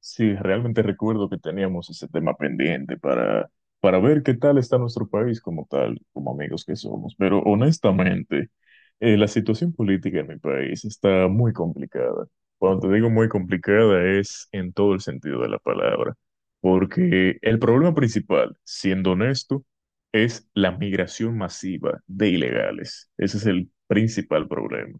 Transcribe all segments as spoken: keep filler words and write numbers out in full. Sí, realmente recuerdo que teníamos ese tema pendiente para, para ver qué tal está nuestro país como tal, como amigos que somos. Pero honestamente, eh, la situación política en mi país está muy complicada. Cuando te digo muy complicada es en todo el sentido de la palabra, porque el problema principal, siendo honesto, es la migración masiva de ilegales. Ese es el principal problema.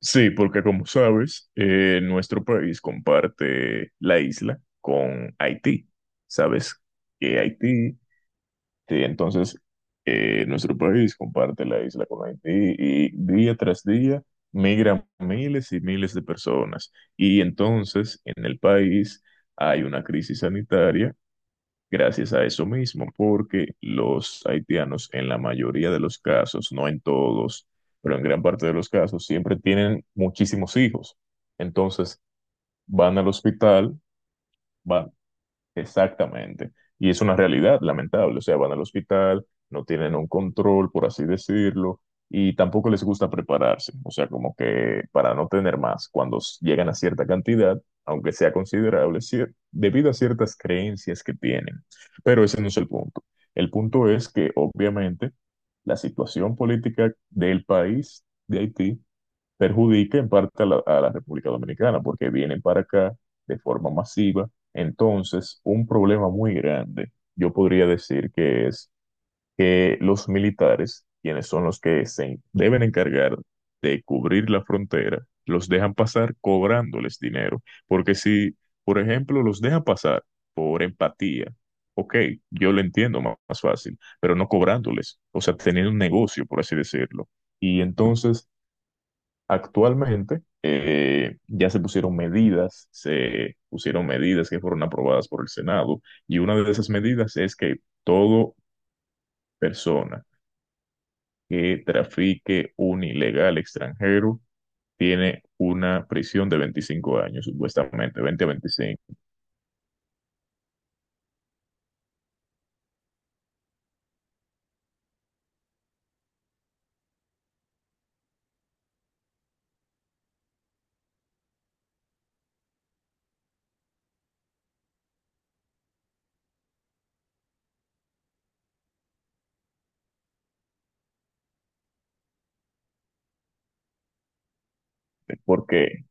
Sí, porque como sabes, eh, nuestro país comparte la isla con Haití. Sabes que Haití, sí, entonces eh, nuestro país comparte la isla con Haití y día tras día migran miles y miles de personas. Y entonces en el país hay una crisis sanitaria gracias a eso mismo, porque los haitianos en la mayoría de los casos, no en todos, pero en gran parte de los casos, siempre tienen muchísimos hijos. Entonces van al hospital, van. Exactamente. Y es una realidad lamentable. O sea, van al hospital, no tienen un control, por así decirlo, y tampoco les gusta prepararse. O sea, como que para no tener más, cuando s- llegan a cierta cantidad, aunque sea considerable, cier- debido a ciertas creencias que tienen. Pero ese no es el punto. El punto es que, obviamente, la situación política del país de Haití perjudica en parte a la, a la República Dominicana, porque vienen para acá de forma masiva. Entonces, un problema muy grande, yo podría decir que es que los militares, quienes son los que se en- deben encargar de cubrir la frontera, los dejan pasar cobrándoles dinero. Porque si, por ejemplo, los dejan pasar por empatía, ok, yo lo entiendo ma- más, fácil, pero no cobrándoles, o sea, teniendo un negocio, por así decirlo. Y entonces actualmente eh, ya se pusieron medidas, se pusieron medidas que fueron aprobadas por el Senado y una de esas medidas es que toda persona que trafique un ilegal extranjero tiene una prisión de veinticinco años, supuestamente, veinte a veinticinco, porque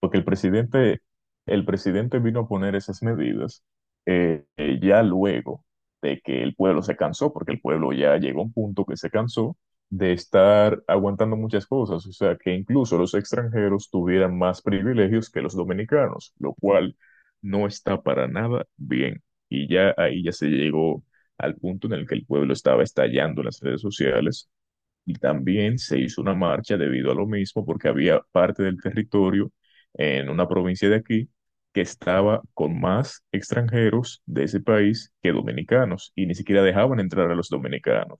porque el presidente, el presidente vino a poner esas medidas eh, eh, ya luego de que el pueblo se cansó, porque el pueblo ya llegó a un punto que se cansó de estar aguantando muchas cosas, o sea, que incluso los extranjeros tuvieran más privilegios que los dominicanos, lo cual no está para nada bien. Y ya ahí ya se llegó al punto en el que el pueblo estaba estallando en las redes sociales y también se hizo una marcha debido a lo mismo, porque había parte del territorio en una provincia de aquí que estaba con más extranjeros de ese país que dominicanos y ni siquiera dejaban entrar a los dominicanos.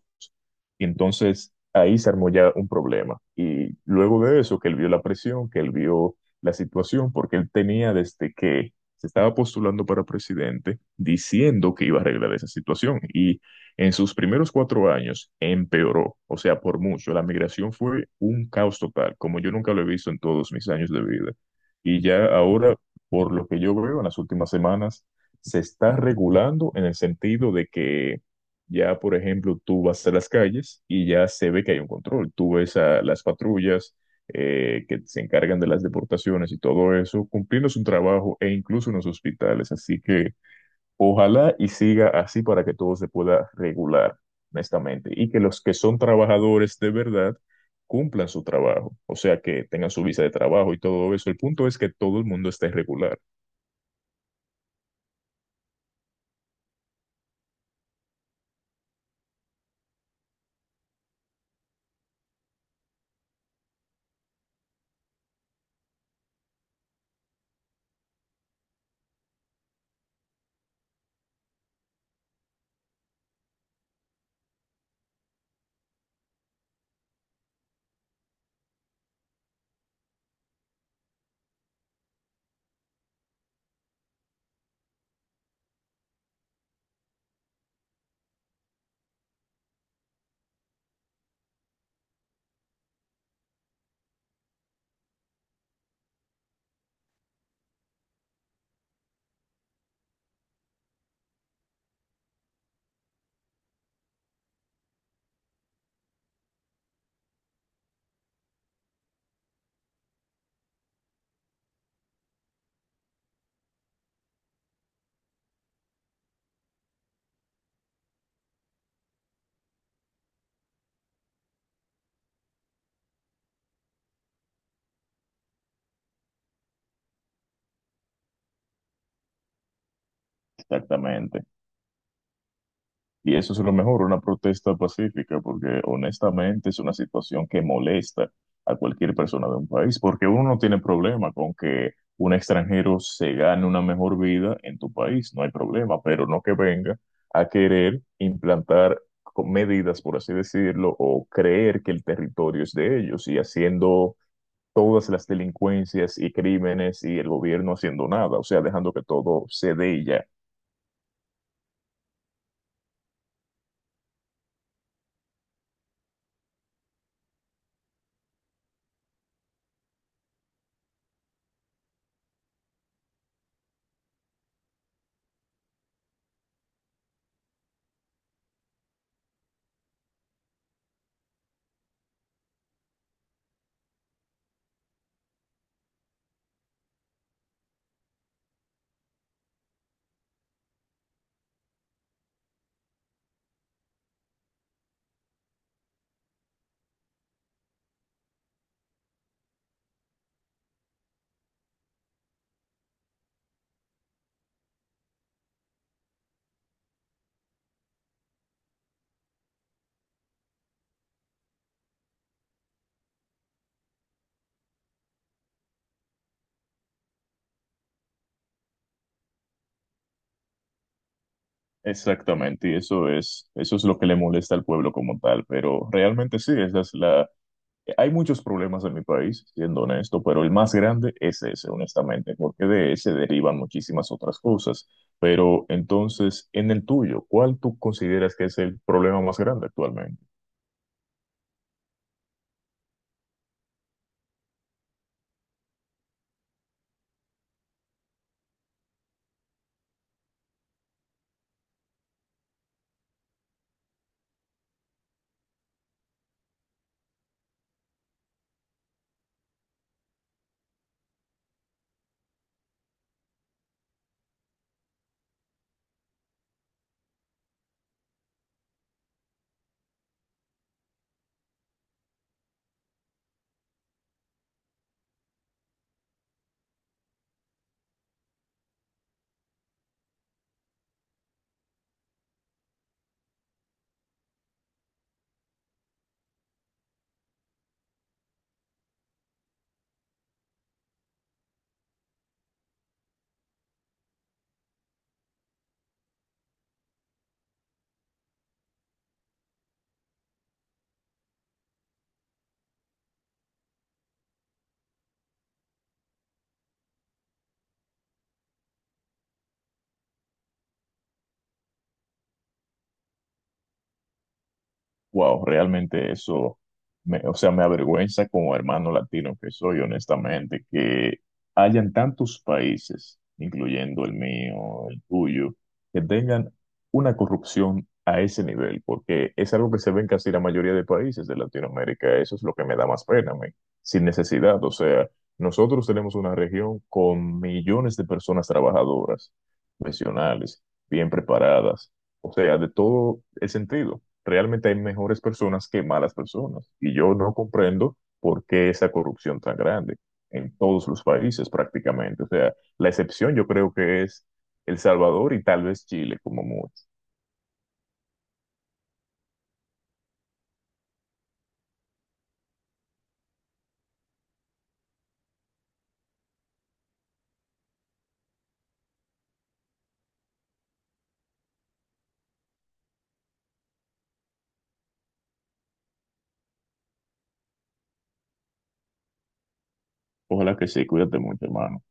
Y entonces ahí se armó ya un problema. Y luego de eso, que él vio la presión, que él vio la situación, porque él tenía desde que se estaba postulando para presidente diciendo que iba a arreglar esa situación. Y en sus primeros cuatro años empeoró, o sea, por mucho. La migración fue un caos total, como yo nunca lo he visto en todos mis años de vida. Y ya ahora, por lo que yo veo en las últimas semanas, se está regulando en el sentido de que ya, por ejemplo, tú vas a las calles y ya se ve que hay un control. Tú ves a las patrullas eh, que se encargan de las deportaciones y todo eso, cumpliendo su trabajo e incluso en los hospitales. Así que ojalá y siga así para que todo se pueda regular, honestamente, y que los que son trabajadores de verdad cumplan su trabajo, o sea, que tengan su visa de trabajo y todo eso. El punto es que todo el mundo esté regular. Exactamente. Y eso es lo mejor, una protesta pacífica, porque honestamente es una situación que molesta a cualquier persona de un país, porque uno no tiene problema con que un extranjero se gane una mejor vida en tu país, no hay problema, pero no que venga a querer implantar co- medidas, por así decirlo, o creer que el territorio es de ellos y haciendo todas las delincuencias y crímenes y el gobierno haciendo nada, o sea, dejando que todo se dé y ya. Exactamente, y eso es, eso es lo que le molesta al pueblo como tal, pero realmente sí, esa es la... Hay muchos problemas en mi país, siendo honesto, pero el más grande es ese, honestamente, porque de ese derivan muchísimas otras cosas. Pero entonces, en el tuyo, ¿cuál tú consideras que es el problema más grande actualmente? Wow, realmente eso, me, o sea, me avergüenza como hermano latino que soy, honestamente, que hayan tantos países, incluyendo el mío, el tuyo, que tengan una corrupción a ese nivel, porque es algo que se ve en casi la mayoría de países de Latinoamérica. Eso es lo que me da más pena, men, sin necesidad. O sea, nosotros tenemos una región con millones de personas trabajadoras, profesionales, bien preparadas, o sea, de todo el sentido. Realmente hay mejores personas que malas personas y yo no comprendo por qué esa corrupción tan grande en todos los países prácticamente. O sea, la excepción yo creo que es El Salvador y tal vez Chile como mucho. Ojalá que sí, cuídate mucho, hermano.